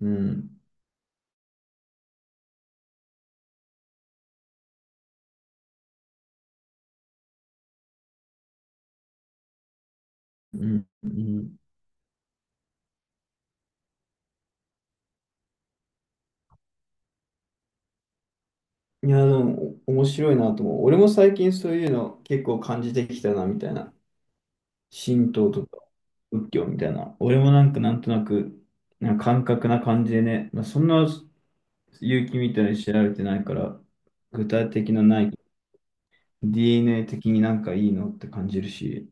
うん。うん。うん。いや、でも、面白いなと思う。俺も最近そういうの結構感じてきたな、みたいな。神道とか仏教みたいな。俺もなんかなんとなく、なんか感覚な感じでね。まあ、そんな勇気みたいに調べてないから、具体的なない。DNA 的になんかいいのって感じるし。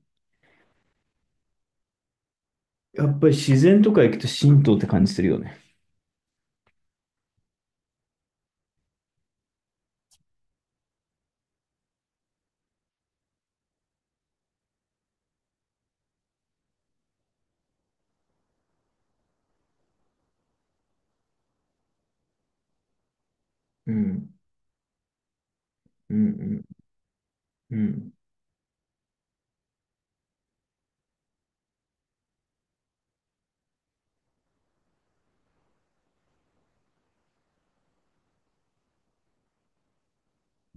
やっぱり自然とか行くと神道って感じするよね。うん。うんうんうん。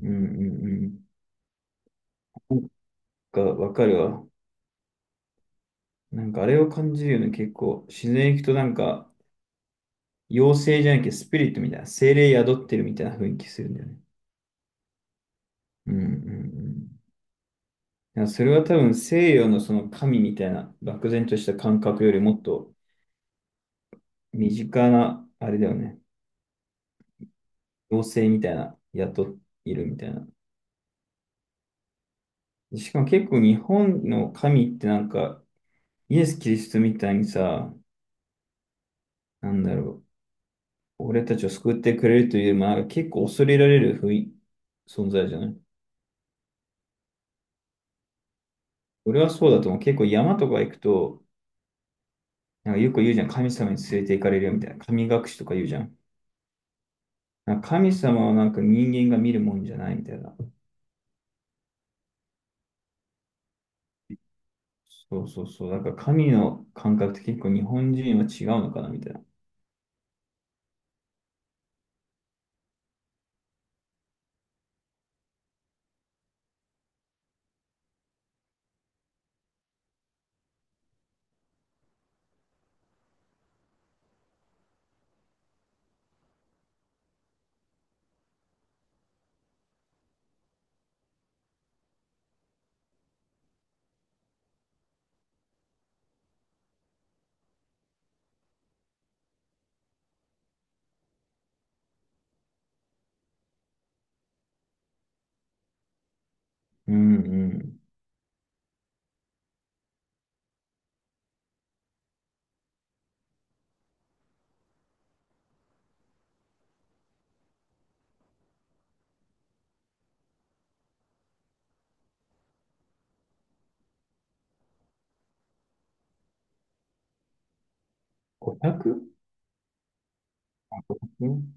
うんうんうん。なんかわかるわ。なんかあれを感じるよね、結構。自然行くとなんか、妖精じゃなきゃスピリットみたいな、精霊宿ってるみたいな雰囲気するんだよね。うんうんうん。いや、それは多分西洋のその神みたいな、漠然とした感覚よりもっと身近な、あれだよね。妖精みたいな、宿いるみたいな。しかも結構日本の神ってなんか、イエス・キリストみたいにさ、なんだろう、俺たちを救ってくれるというよりも、なんか結構恐れられる雰囲存在じゃない。俺はそうだと思う。結構山とか行くと、なんかよく言うじゃん。神様に連れて行かれるよみたいな。神隠しとか言うじゃん。なんか神様はなんか人間が見るもんじゃないみたいな。そうそうそう。だから神の感覚って結構日本人は違うのかなみたいな。うんうん。500？ うん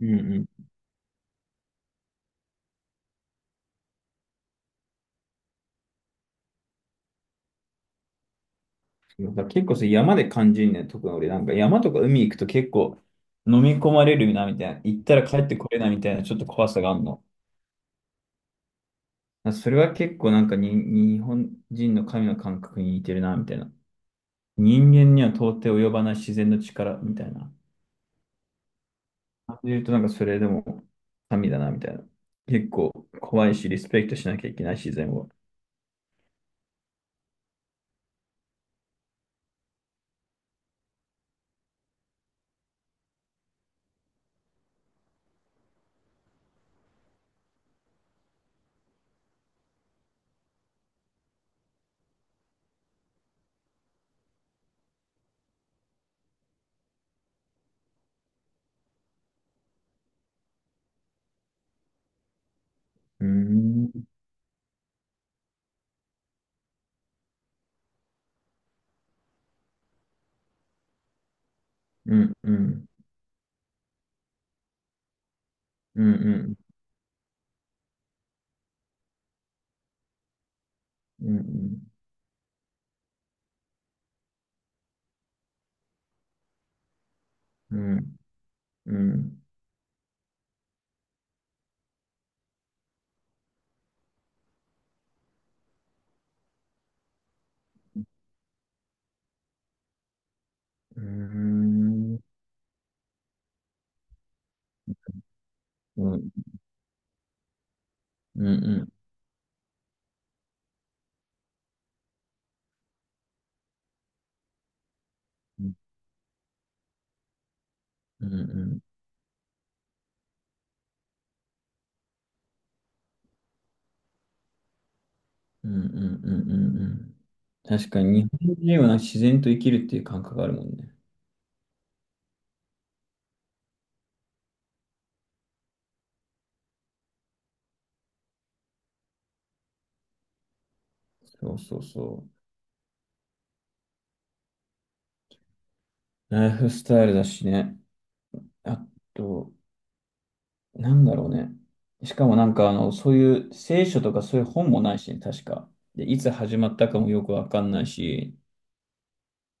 うんうん。だから結構それ山で感じるね。特に俺なんか山とか海行くと結構飲み込まれるなみたいな。行ったら帰ってこれないみたいなちょっと怖さがあるの。だからそれは結構なんかに日本人の神の感覚に似てるなみたいな。なんだろうね。しかもなんか、あの、そういう聖書とかそういう本もないしね、確か。で、いつ始まったかもよくわかんないし、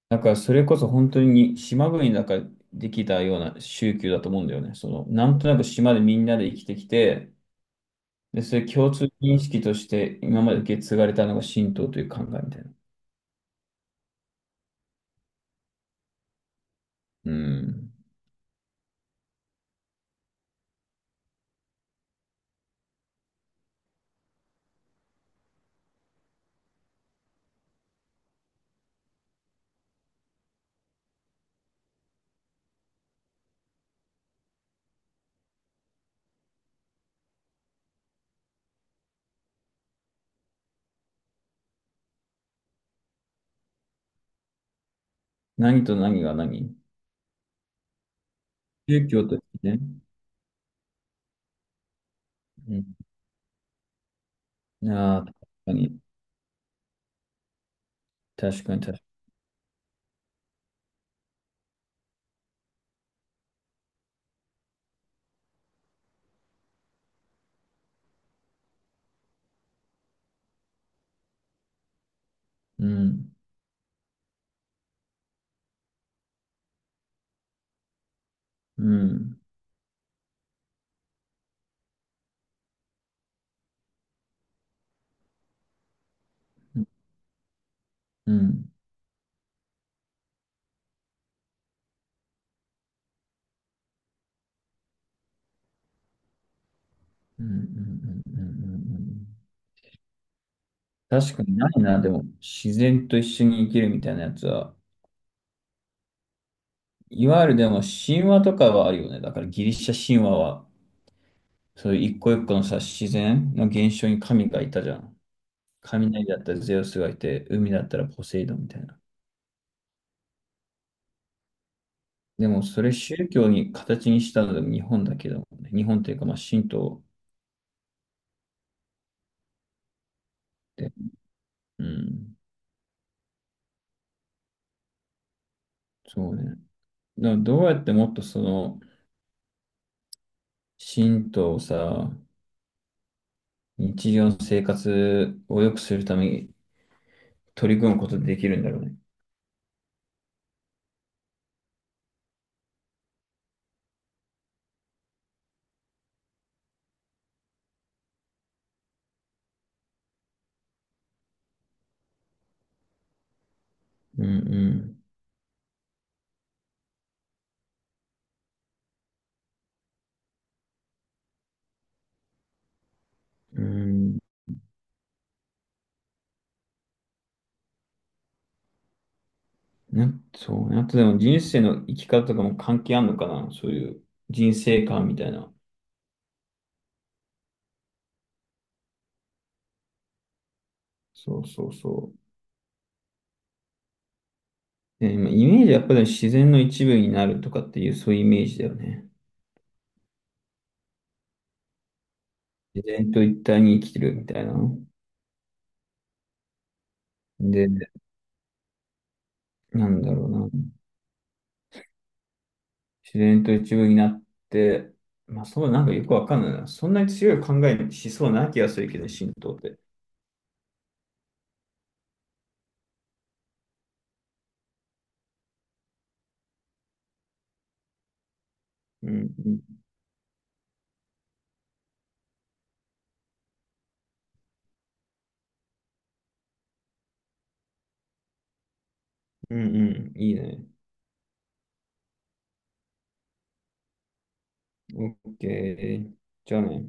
だからそれこそ本当に島国だからできたような宗教だと思うんだよね。その、なんとなく島でみんなで生きてきて、で、それ共通認識として今まで受け継がれたのが神道という考えみたいな。うん。何と何が何宗教としてね。うん。ああ、確かに。確かに、確かに。うん。うん。うん。うんうんうんうんうんうん。確かにないな、でも、自然と一緒に生きるみたいなやつは。いわゆるでも、神話とかはあるよね。だから、ギリシャ神話は、そういう一個一個のさ、自然の現象に神がいたじゃん。雷だったらゼウスがいて、海だったらポセイドンみたいな。でも、それ宗教に形にしたのでも日本だけどね。日本っていうか、まあ、神道で。うん、そうね。だからどうやってもっとその、神道をさ、日常の生活を良くするために取り組むことでできるんだろうね。うんうん。うん。そうね。あとでも人生の生き方とかも関係あんのかな、そういう人生観みたいな。そうそうそう。まあ、イメージはやっぱり自然の一部になるとかっていう、そういうイメージだよね。自然と一体に生きてるみたいな。で、なんだろうな。自然と一部になって、まあそう、なんかよくわかんないな。そんなに強い考えにしそうな気がするけど、神道って。うん、うん、うん、うんいいね。オッケー。じゃあね。